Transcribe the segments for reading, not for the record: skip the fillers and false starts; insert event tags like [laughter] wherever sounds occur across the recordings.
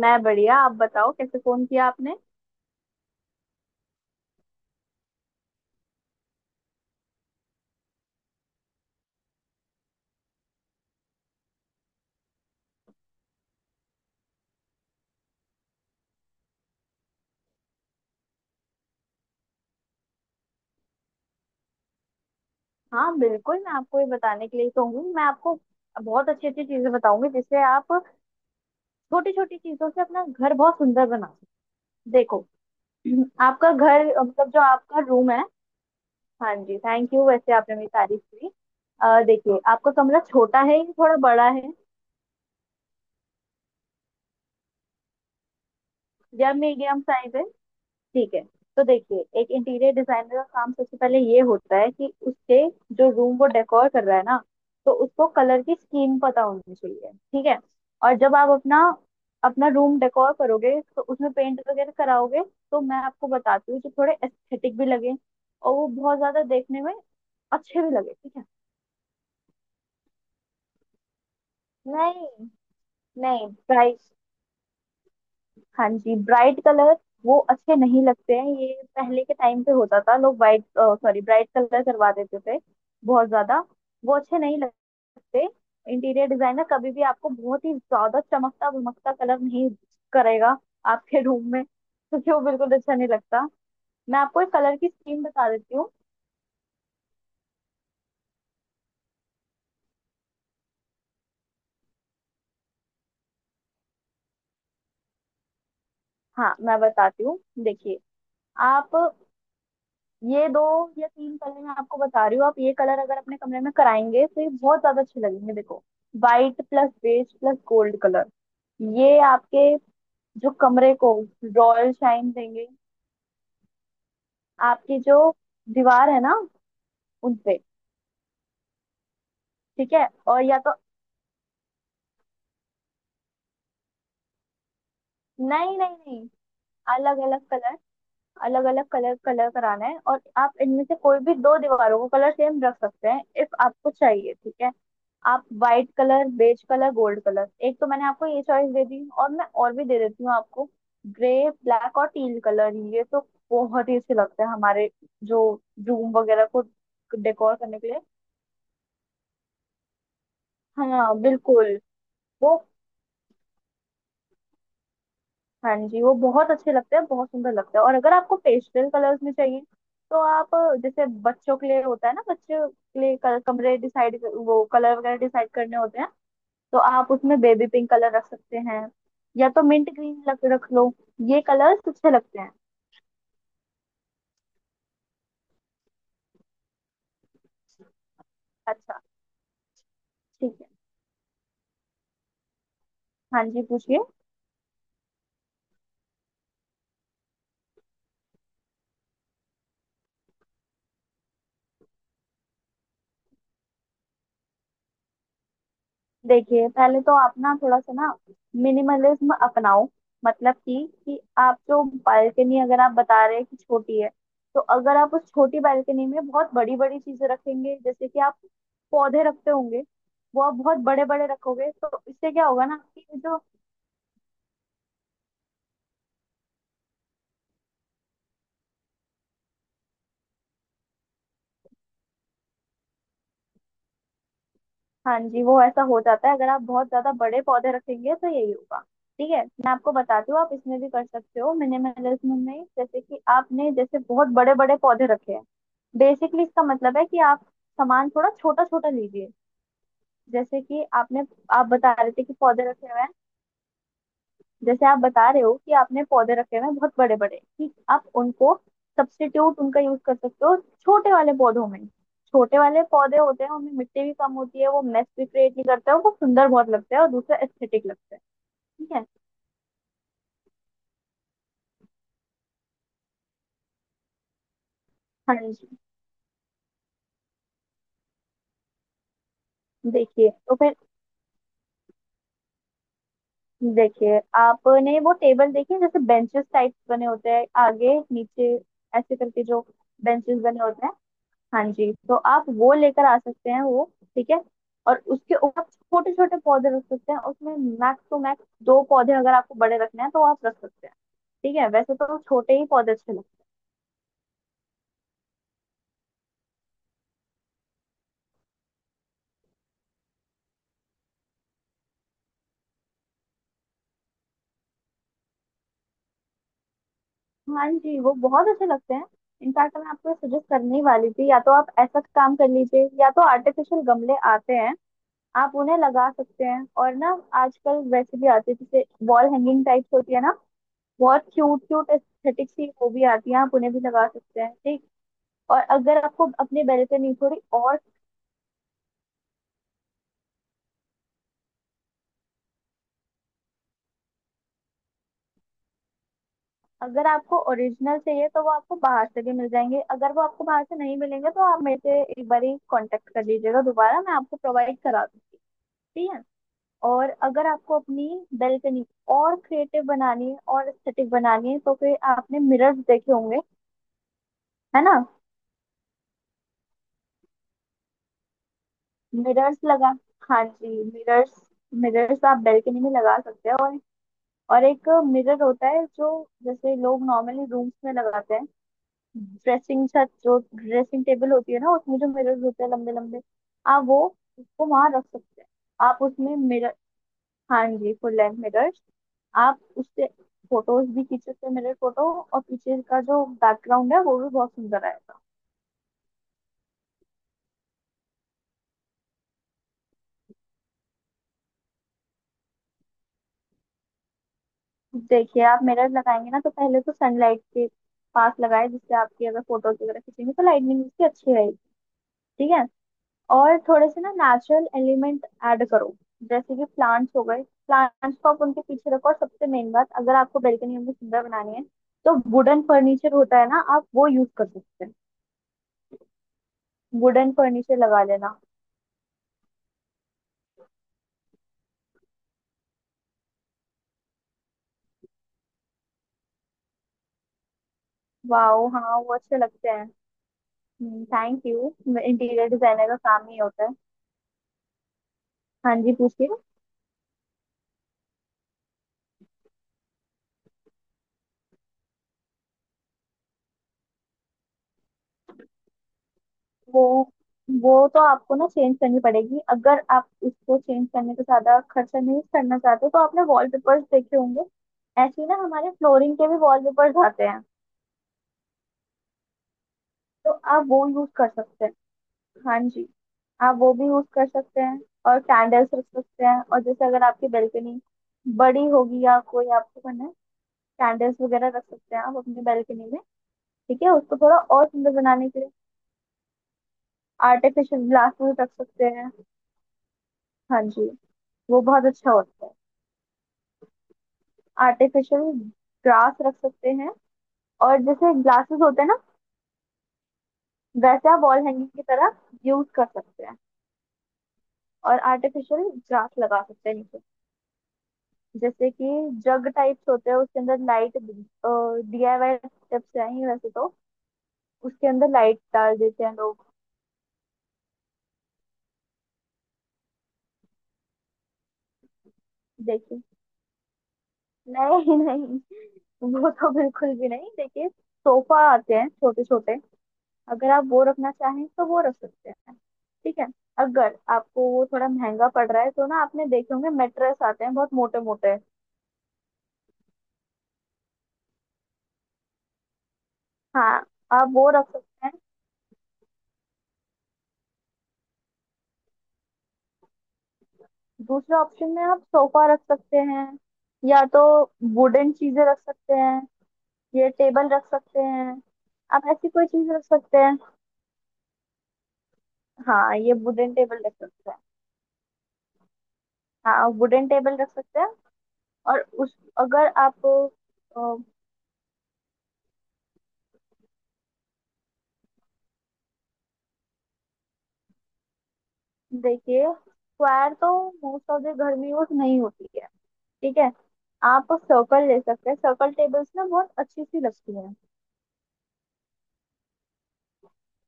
मैं बढ़िया। आप बताओ, कैसे फोन किया आपने? हाँ बिल्कुल, मैं आपको ये बताने के लिए तो हूँ। मैं आपको बहुत अच्छी अच्छी चीजें बताऊंगी जिससे आप छोटी छोटी चीजों से अपना घर बहुत सुंदर बना सकते। देखो [clears throat] आपका घर मतलब जो आपका रूम है। हाँ जी, थैंक यू, वैसे आपने मेरी तारीफ की। देखिए आपका कमरा छोटा है या थोड़ा बड़ा है या मीडियम साइज है? ठीक है। तो देखिए, एक इंटीरियर डिजाइनर का काम सबसे पहले ये होता है कि उसके जो रूम वो डेकोर कर रहा है ना, तो उसको कलर की स्कीम पता होनी चाहिए। ठीक है। और जब आप अपना अपना रूम डेकोर करोगे तो उसमें पेंट वगैरह कराओगे, तो मैं आपको बताती हूँ जो थोड़े एस्थेटिक भी लगे और वो बहुत ज्यादा देखने में अच्छे भी लगे। ठीक है। नहीं। नहीं भाई। हाँ जी, ब्राइट कलर वो अच्छे नहीं लगते हैं। ये पहले के टाइम पे होता था, लोग वाइट सॉरी ब्राइट कलर करवा देते थे बहुत ज्यादा। वो अच्छे नहीं लगते। इंटीरियर डिजाइनर कभी भी आपको बहुत ही ज्यादा चमकता भमकता कलर नहीं करेगा आपके रूम में, क्योंकि वो बिल्कुल अच्छा नहीं लगता। मैं आपको एक कलर की स्कीम बता देती हूँ। हाँ, मैं बताती हूँ। देखिए, आप ये दो या तीन कलर मैं आपको बता रही हूँ, आप ये कलर अगर अपने कमरे में कराएंगे तो ये बहुत ज्यादा अच्छे लगेंगे। देखो, white plus beige plus gold colour, ये आपके जो कमरे को रॉयल शाइन देंगे। आपकी जो दीवार है ना, उनपे। ठीक है। और या तो नहीं नहीं नहीं, अलग अलग कलर, अलग अलग कलर कलर कराना है और आप इनमें से कोई भी दो दीवारों को कलर सेम रख सकते हैं इफ आपको चाहिए। ठीक है। आप white colour, beige colour, gold colour, एक तो मैंने आपको ये चॉइस दे दी और मैं और भी दे देती हूँ आपको। ग्रे, ब्लैक और टील कलर, ये तो बहुत ही अच्छे लगते हैं हमारे जो रूम वगैरह को डेकोर करने के लिए। हाँ बिल्कुल, वो हाँ जी वो बहुत अच्छे लगते हैं, बहुत सुंदर लगते हैं। और अगर आपको पेस्टल कलर्स में चाहिए तो आप जैसे बच्चों के लिए होता है ना, बच्चों के लिए कमरे डिसाइड वो कलर वगैरह डिसाइड करने होते हैं, तो आप उसमें बेबी पिंक कलर रख सकते हैं या तो मिंट ग्रीन रख रख लो। ये कलर्स अच्छे लगते हैं। अच्छा, ठीक है। हाँ जी, पूछिए। देखिए, पहले तो आप ना थोड़ा सा ना मिनिमलिज्म अपनाओ। मतलब कि आप जो बालकनी अगर आप बता रहे हैं कि छोटी है, तो अगर आप उस छोटी बालकनी में बहुत बड़ी बड़ी चीजें रखेंगे, जैसे कि आप पौधे रखते होंगे, वो आप बहुत बड़े बड़े रखोगे तो इससे क्या होगा ना कि ये जो हाँ जी वो ऐसा हो जाता है। अगर आप बहुत ज्यादा बड़े पौधे रखेंगे तो यही होगा। ठीक है, मैं आपको बताती हूँ। आप इसमें भी कर सकते हो मिनिमलिज्म में। जैसे कि आपने जैसे बहुत बड़े बड़े पौधे रखे हैं, बेसिकली इसका मतलब है कि आप सामान थोड़ा छोटा छोटा लीजिए। जैसे कि आपने आप बता रहे थे कि पौधे रखे हुए हैं, जैसे आप बता रहे हो कि आपने पौधे रखे हुए हैं बहुत बड़े बड़े, ठीक, आप उनको सब्स्टिट्यूट उनका यूज कर सकते हो छोटे वाले पौधों में। छोटे वाले पौधे होते हैं उनमें मिट्टी भी कम होती है, वो मेस भी क्रिएट नहीं करते हैं, वो सुंदर बहुत लगता है और दूसरा एस्थेटिक लगता है। ठीक है। हाँ जी, देखिए तो फिर देखिए आपने वो टेबल देखी है, जैसे बेंचेस टाइप बने होते हैं आगे नीचे, ऐसे करके जो बेंचेस बने होते हैं। हाँ जी, तो आप वो लेकर आ सकते हैं वो। ठीक है। और उसके ऊपर छोटे छोटे पौधे रख सकते हैं, उसमें मैक्स टू मैक्स दो पौधे अगर आपको बड़े रखने हैं तो आप रख सकते हैं। ठीक है, वैसे तो छोटे ही पौधे अच्छे लगते हैं। हाँ जी वो बहुत अच्छे लगते हैं। इनफैक्ट मैं आपको सजेस्ट करने ही वाली थी, या तो आप ऐसा काम कर लीजिए या तो आर्टिफिशियल गमले आते हैं, आप उन्हें लगा सकते हैं। और ना आजकल वैसे भी आते हैं, जैसे वॉल हैंगिंग टाइप्स होती है ना, बहुत क्यूट क्यूट एस्थेटिक सी वो भी आती है, आप उन्हें भी लगा सकते हैं। ठीक। और अगर आपको अपने बेल्ट पे नहीं, थोड़ी और अगर आपको ओरिजिनल चाहिए तो वो आपको बाहर से भी मिल जाएंगे। अगर वो आपको बाहर से नहीं मिलेंगे तो आप मेरे से एक बार ही कॉन्टेक्ट कर लीजिएगा दोबारा, मैं आपको प्रोवाइड करा दूंगी। ठीक है। और अगर आपको अपनी बेल्कनी और क्रिएटिव बनानी है और एस्थेटिक बनानी है, तो फिर आपने मिरर्स देखे होंगे, है ना। मिरर्स लगा हाँ जी मिरर्स, मिरर्स आप बेल्कनी में लगा सकते हैं। और एक मिरर होता है जो जैसे लोग नॉर्मली रूम्स में लगाते हैं, ड्रेसिंग छत जो ड्रेसिंग टेबल होती है ना, उसमें जो मिरर्स होते हैं लंबे लंबे, आप वो उसको वहां रख सकते हैं। आप उसमें मिरर हाँ जी फुल लेंथ मिरर्स, आप उससे फोटोज भी खींच सकते हैं मिरर फोटो, और पीछे का जो बैकग्राउंड है वो भी बहुत सुंदर आएगा। देखिए आप मिरर लगाएंगे ना, तो पहले तो सनलाइट के पास लगाए जिससे आपकी अगर फोटोज वगैरह खींचेंगे तो लाइटनिंग उसकी अच्छी रहेगी। ठीक है। और थोड़े से ना नेचुरल एलिमेंट ऐड करो, जैसे कि प्लांट्स हो गए, प्लांट्स को आप उनके पीछे रखो। और सबसे मेन बात, अगर आपको बेल्कनी में सुंदर बनानी है तो वुडन फर्नीचर होता है ना, आप वो यूज कर सकते हैं। वुडन फर्नीचर लगा लेना। वाओ हाँ वो अच्छे लगते हैं। थैंक यू, इंटीरियर डिजाइनर का काम ही होता है। हाँ जी, पूछिए। वो वो तो आपको ना चेंज करनी पड़ेगी। अगर आप उसको चेंज करने का ज्यादा खर्चा नहीं करना चाहते तो आपने वॉलपेपर्स देखे होंगे, ऐसे ही ना हमारे फ्लोरिंग के भी वॉलपेपर्स आते हैं, तो आप वो यूज कर सकते हैं। हाँ जी, आप वो भी यूज कर सकते हैं। और कैंडल्स रख सकते हैं। और जैसे अगर आपकी बेल्कनी बड़ी होगी या कोई आपको करना है, कैंडल्स वगैरह रख सकते हैं आप अपनी बेल्कनी में, ठीक है, उसको थोड़ा और सुंदर बनाने के लिए। आर्टिफिशियल ग्लास भी रख सकते हैं। हाँ जी, वो बहुत अच्छा होता है। आर्टिफिशियल ग्रास रख सकते हैं। और जैसे ग्लासेस होते हैं ना, वैसे आप वॉल हैंगिंग की तरह यूज कर सकते हैं। और आर्टिफिशियल ग्रास लगा सकते हैं नीचे। जैसे कि जग टाइप्स होते हैं उसके अंदर लाइट, डीआईवाई टिप्स हैं ये वैसे तो, उसके अंदर लाइट डाल देते हैं लोग। देखिए नहीं नहीं, वो तो बिल्कुल भी नहीं। देखिए, सोफा आते हैं छोटे छोटे, अगर आप वो रखना चाहें तो वो रख सकते हैं। ठीक है। अगर आपको वो थोड़ा महंगा पड़ रहा है तो ना आपने देखे होंगे मेट्रेस आते हैं बहुत मोटे मोटे। हाँ, आप वो रख सकते हैं। दूसरे ऑप्शन में आप सोफा रख सकते हैं, या तो वुडन चीजें रख सकते हैं, ये टेबल रख सकते हैं, आप ऐसी कोई चीज रख सकते हैं। हाँ ये वुडन टेबल रख सकते हैं। हाँ वुडन टेबल रख सकते हैं। और उस अगर आप अ, देखिए स्क्वायर तो मोस्ट ऑफ द घर में यूज नहीं होती है। ठीक है। आप सर्कल ले सकते हैं, सर्कल टेबल्स ना बहुत अच्छी सी लगती हैं।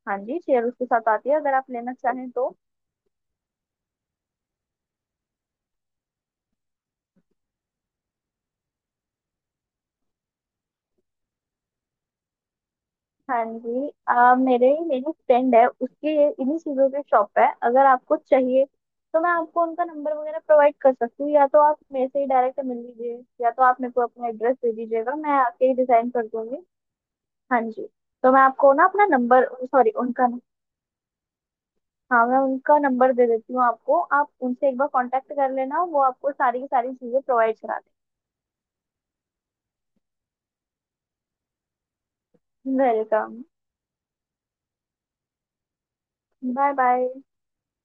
हाँ जी, चेयर उसके साथ आती है अगर आप लेना चाहें तो। हाँ जी आ, मेरे मेरी फ्रेंड है, उसके ये इन्हीं चीज़ों की शॉप है। अगर आपको चाहिए तो मैं आपको उनका नंबर वगैरह प्रोवाइड कर सकती हूँ, या तो आप मेरे से ही डायरेक्ट मिल लीजिए, या तो आप मेरे को अपना एड्रेस दे दीजिएगा मैं आके ही डिजाइन कर दूंगी। हाँ जी, तो मैं आपको ना अपना नंबर सॉरी उनका, हाँ मैं उनका नंबर दे देती हूँ आपको, आप उनसे एक बार कांटेक्ट कर लेना, वो आपको सारी की सारी चीज़ें प्रोवाइड करा। वेलकम। Bye bye.